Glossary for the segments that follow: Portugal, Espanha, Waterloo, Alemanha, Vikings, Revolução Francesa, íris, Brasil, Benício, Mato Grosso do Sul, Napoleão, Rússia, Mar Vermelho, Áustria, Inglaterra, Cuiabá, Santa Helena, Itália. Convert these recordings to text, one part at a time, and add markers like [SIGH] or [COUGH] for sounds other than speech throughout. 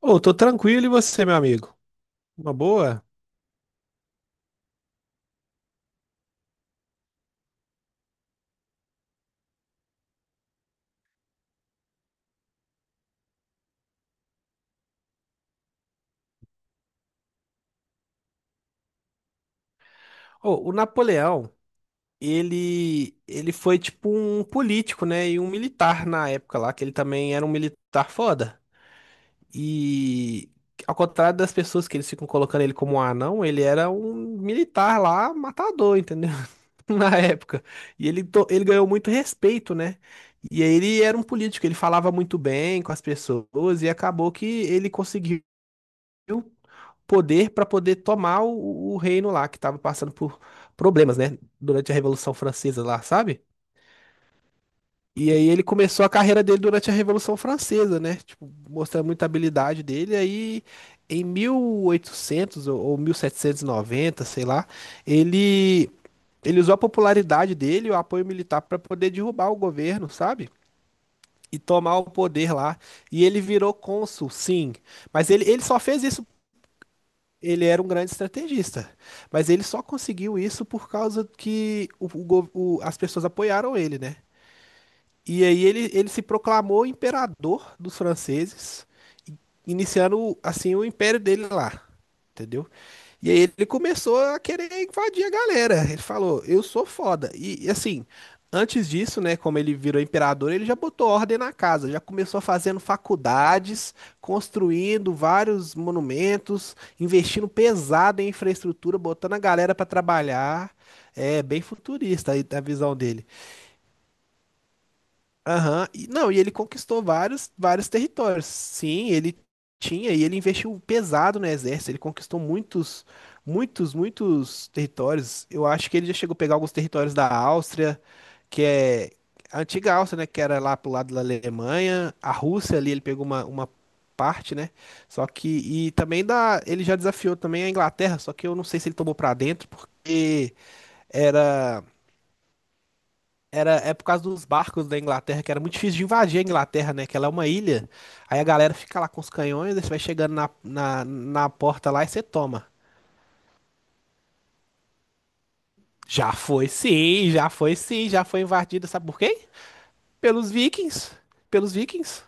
Ô, tô tranquilo e você, meu amigo? Uma boa? Ô, o Napoleão, ele foi tipo um político, né, e um militar na época lá, que ele também era um militar foda. E ao contrário das pessoas que eles ficam colocando ele como um anão, ele era um militar lá, matador, entendeu? [LAUGHS] Na época. E ele ganhou muito respeito, né? E aí ele era um político, ele falava muito bem com as pessoas e acabou que ele conseguiu poder para poder tomar o reino lá, que estava passando por problemas, né? Durante a Revolução Francesa lá, sabe? E aí ele começou a carreira dele durante a Revolução Francesa, né? Tipo, mostrando muita habilidade dele. Aí em 1800 ou 1790, sei lá, ele ele usou a popularidade dele e o apoio militar para poder derrubar o governo, sabe? E tomar o poder lá. E ele virou cônsul, sim. Mas ele só fez isso. Ele era um grande estrategista, mas ele só conseguiu isso por causa que as pessoas apoiaram ele, né? E aí ele se proclamou imperador dos franceses, i- iniciando assim o império dele lá, entendeu? E aí ele começou a querer invadir a galera. Ele falou: "Eu sou foda". Assim, antes disso, né, como ele virou imperador, ele já botou ordem na casa, já começou fazendo faculdades, construindo vários monumentos, investindo pesado em infraestrutura, botando a galera pra trabalhar. É bem futurista aí a visão dele. Aham, não, e ele conquistou vários territórios. Sim, ele tinha e ele investiu pesado no exército. Ele conquistou muitos territórios. Eu acho que ele já chegou a pegar alguns territórios da Áustria, que é a antiga Áustria, né? Que era lá pro lado da Alemanha. A Rússia ali, ele pegou uma parte, né? Só que. E também da. Ele já desafiou também a Inglaterra, só que eu não sei se ele tomou pra dentro, porque era. Era, é por causa dos barcos da Inglaterra, que era muito difícil de invadir a Inglaterra, né? Que ela é uma ilha. Aí a galera fica lá com os canhões, aí você vai chegando na porta lá e você toma. Já foi invadida, sabe por quê? Pelos vikings. Pelos vikings.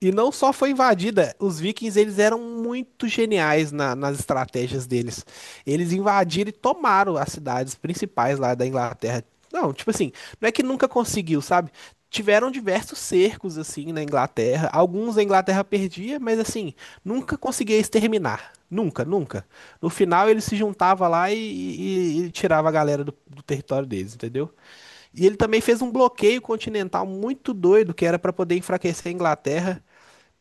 E não só foi invadida, os vikings eles eram muito geniais nas estratégias deles. Eles invadiram e tomaram as cidades principais lá da Inglaterra. Não, tipo assim, não é que nunca conseguiu, sabe? Tiveram diversos cercos assim na Inglaterra. Alguns a Inglaterra perdia, mas assim, nunca conseguia exterminar. Nunca, nunca. No final ele se juntava lá e tirava a galera do território deles, entendeu? E ele também fez um bloqueio continental muito doido, que era para poder enfraquecer a Inglaterra.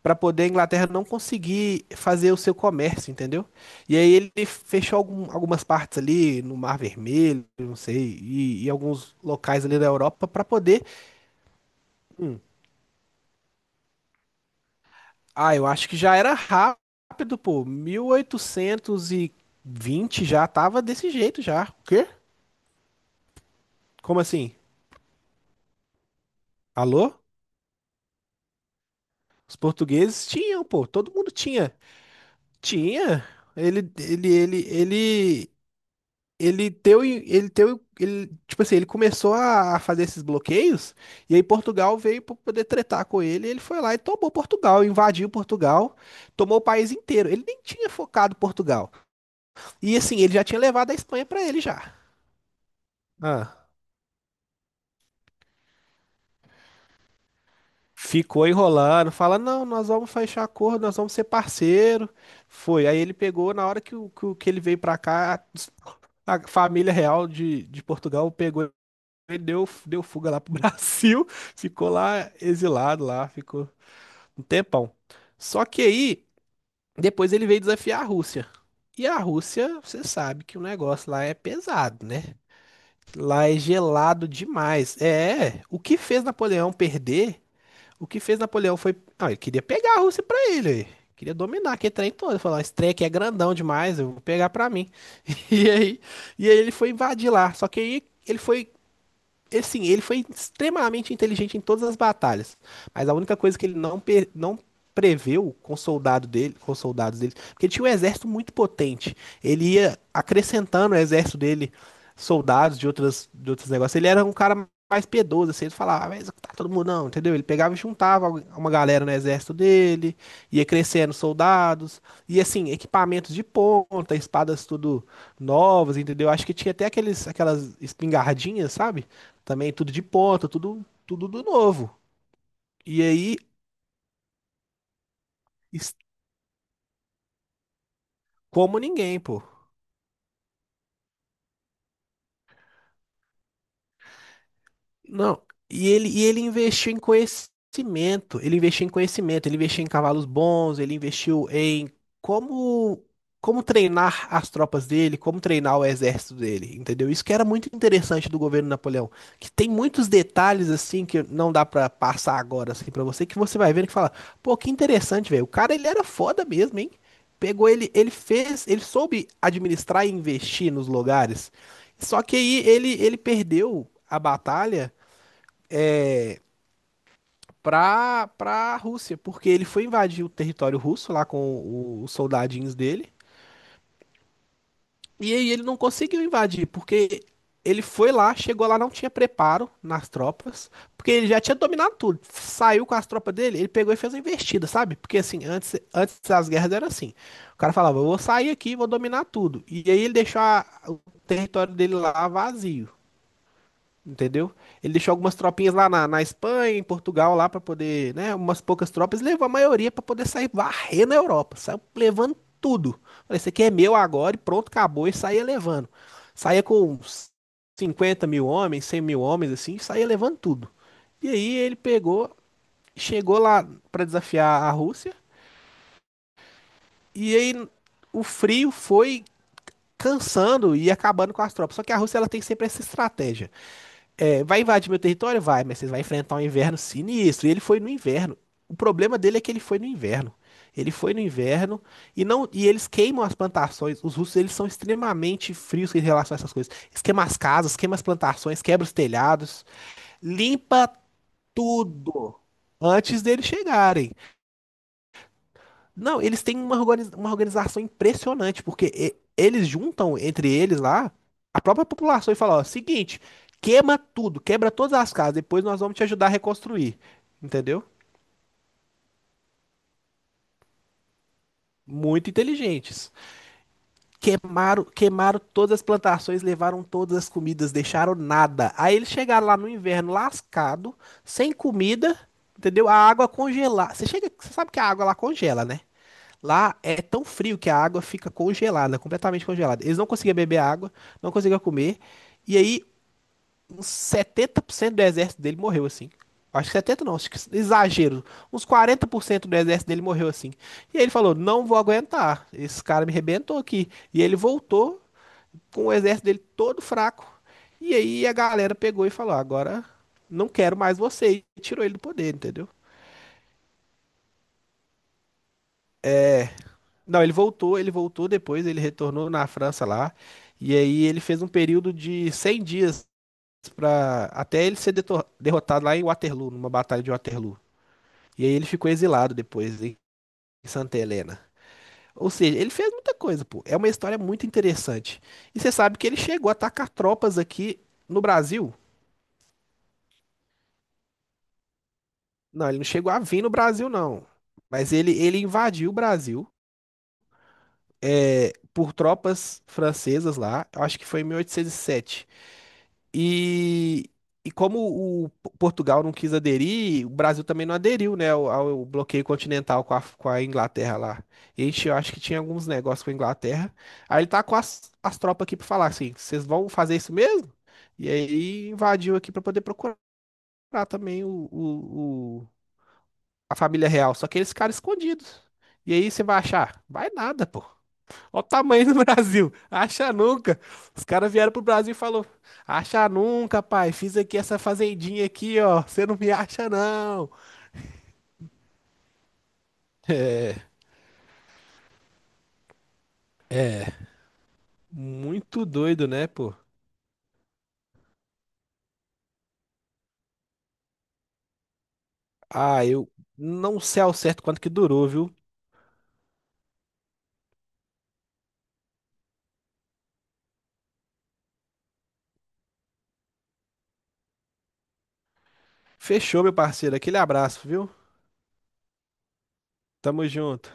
Pra poder a Inglaterra não conseguir fazer o seu comércio, entendeu? E aí ele fechou algumas partes ali no Mar Vermelho, não sei, e alguns locais ali da Europa pra poder. Ah, eu acho que já era rápido, pô. 1820 já tava desse jeito já. O quê? Como assim? Alô? Os portugueses tinham, pô. Todo mundo tinha. Tinha. Ele, ele, ele, ele Ele teu, ele teu, ele, tipo assim, ele começou a fazer esses bloqueios, e aí Portugal veio para poder tretar com ele, e ele foi lá e tomou Portugal, invadiu Portugal, tomou o país inteiro. Ele nem tinha focado Portugal. E assim, ele já tinha levado a Espanha para ele já. Ah, ficou enrolando, fala não, nós vamos fechar acordo, nós vamos ser parceiro. Foi. Aí ele pegou, na hora que ele veio para cá, a família real de Portugal pegou. Ele deu fuga lá pro Brasil, [LAUGHS] ficou lá exilado lá, ficou um tempão. Só que aí, depois ele veio desafiar a Rússia. E a Rússia, você sabe que o negócio lá é pesado, né? Lá é gelado demais. É, o que fez Napoleão foi. Ah, ele queria pegar a Rússia pra ele. Aí. Queria dominar aquele trem todo. Falar, esse trem aqui é grandão demais, eu vou pegar pra mim. [LAUGHS] E aí, e aí, ele foi invadir lá. Só que aí ele foi assim, ele foi extremamente inteligente em todas as batalhas, mas a única coisa que ele não, pe- não preveu com os soldados dele, porque ele tinha um exército muito potente. Ele ia acrescentando o exército dele soldados de outros negócios. Ele era um cara mais piedoso, assim, ele falava, "Ah, vai executar todo mundo não, entendeu? Ele pegava e juntava uma galera no exército dele, ia crescendo soldados, e assim, equipamentos de ponta, espadas tudo novas, entendeu? Acho que tinha até aqueles aquelas espingardinhas, sabe? Também tudo de ponta, tudo do novo. E aí, es- como ninguém, pô. Não, e ele investiu em conhecimento, ele investiu em conhecimento, ele investiu em cavalos bons, ele investiu em como, como treinar as tropas dele, como treinar o exército dele, entendeu? Isso que era muito interessante do governo Napoleão, que tem muitos detalhes assim que não dá pra passar agora assim para você, que você vai vendo que fala, pô, que interessante, velho. O cara ele era foda mesmo, hein? Pegou ele, ele fez, ele soube administrar e investir nos lugares. Só que aí ele perdeu a batalha pra Rússia, porque ele foi invadir o território russo lá com os soldadinhos dele. E aí ele não conseguiu invadir, porque ele foi lá, chegou lá, não tinha preparo nas tropas, porque ele já tinha dominado tudo. Saiu com as tropas dele, ele pegou e fez uma investida, sabe? Porque assim, antes das guerras era assim. O cara falava, eu vou sair aqui, vou dominar tudo. E aí ele deixou o território dele lá vazio. Entendeu? Ele deixou algumas tropinhas lá na Espanha, em Portugal, lá pra poder, né? Umas poucas tropas, levou a maioria pra poder sair varrendo na Europa. Saiu levando tudo. Falei, isso aqui é meu agora e pronto, acabou. E saía levando. Saía com uns 50 mil homens, 100 mil homens, assim, saía levando tudo. E aí ele pegou, chegou lá pra desafiar a Rússia. E aí o frio foi cansando e acabando com as tropas. Só que a Rússia ela tem sempre essa estratégia. É, vai invadir meu território? Vai, mas vocês vão enfrentar um inverno sinistro. E ele foi no inverno. O problema dele é que ele foi no inverno. Ele foi no inverno e não e eles queimam as plantações. Os russos eles são extremamente frios em relação a essas coisas. Eles queimam as casas, queimam as plantações, quebra os telhados, limpa tudo antes deles chegarem. Não, eles têm uma uma organização impressionante, porque eles juntam entre eles lá a própria população e falam, ó, seguinte, queima tudo, quebra todas as casas, depois nós vamos te ajudar a reconstruir. Entendeu? Muito inteligentes. Queimaram todas as plantações, levaram todas as comidas, deixaram nada. Aí eles chegaram lá no inverno lascado, sem comida, entendeu? A água congelar. Você chega, você sabe que a água lá congela, né? Lá é tão frio que a água fica congelada, completamente congelada. Eles não conseguiam beber água, não conseguiam comer. E aí, uns 70% do exército dele morreu assim. Acho que 70 não, acho que exagero. Uns 40% do exército dele morreu assim. E aí ele falou: não vou aguentar, esse cara me rebentou aqui. E ele voltou com o exército dele todo fraco. E aí a galera pegou e falou: agora não quero mais você. E tirou ele do poder, entendeu? Não, ele voltou depois, ele retornou na França lá, e aí ele fez um período de 100 dias para até ele ser derrotado lá em Waterloo, numa batalha de Waterloo. E aí ele ficou exilado depois em Santa Helena. Ou seja, ele fez muita coisa, pô. É uma história muito interessante. E você sabe que ele chegou a atacar tropas aqui no Brasil? Não, ele não chegou a vir no Brasil, não. Mas ele invadiu o Brasil é, por tropas francesas lá, eu acho que foi em 1807. E, e como o Portugal não quis aderir, o Brasil também não aderiu, né, ao bloqueio continental com a Inglaterra lá. E a gente, eu acho que tinha alguns negócios com a Inglaterra. Aí ele tá com as, as tropas aqui pra falar assim: vocês vão fazer isso mesmo? E aí invadiu aqui pra poder procurar também a família real. Só que eles ficaram escondidos. E aí você vai achar? Vai nada, pô. Olha o tamanho do [LAUGHS] Brasil. Acha nunca. Os caras vieram pro Brasil e falou: acha nunca, pai. Fiz aqui essa fazendinha aqui, ó. Você não me acha, não. Muito doido, né, pô? Ah, eu não sei ao certo quanto que durou, viu? Fechou, meu parceiro. Aquele abraço, viu? Tamo junto.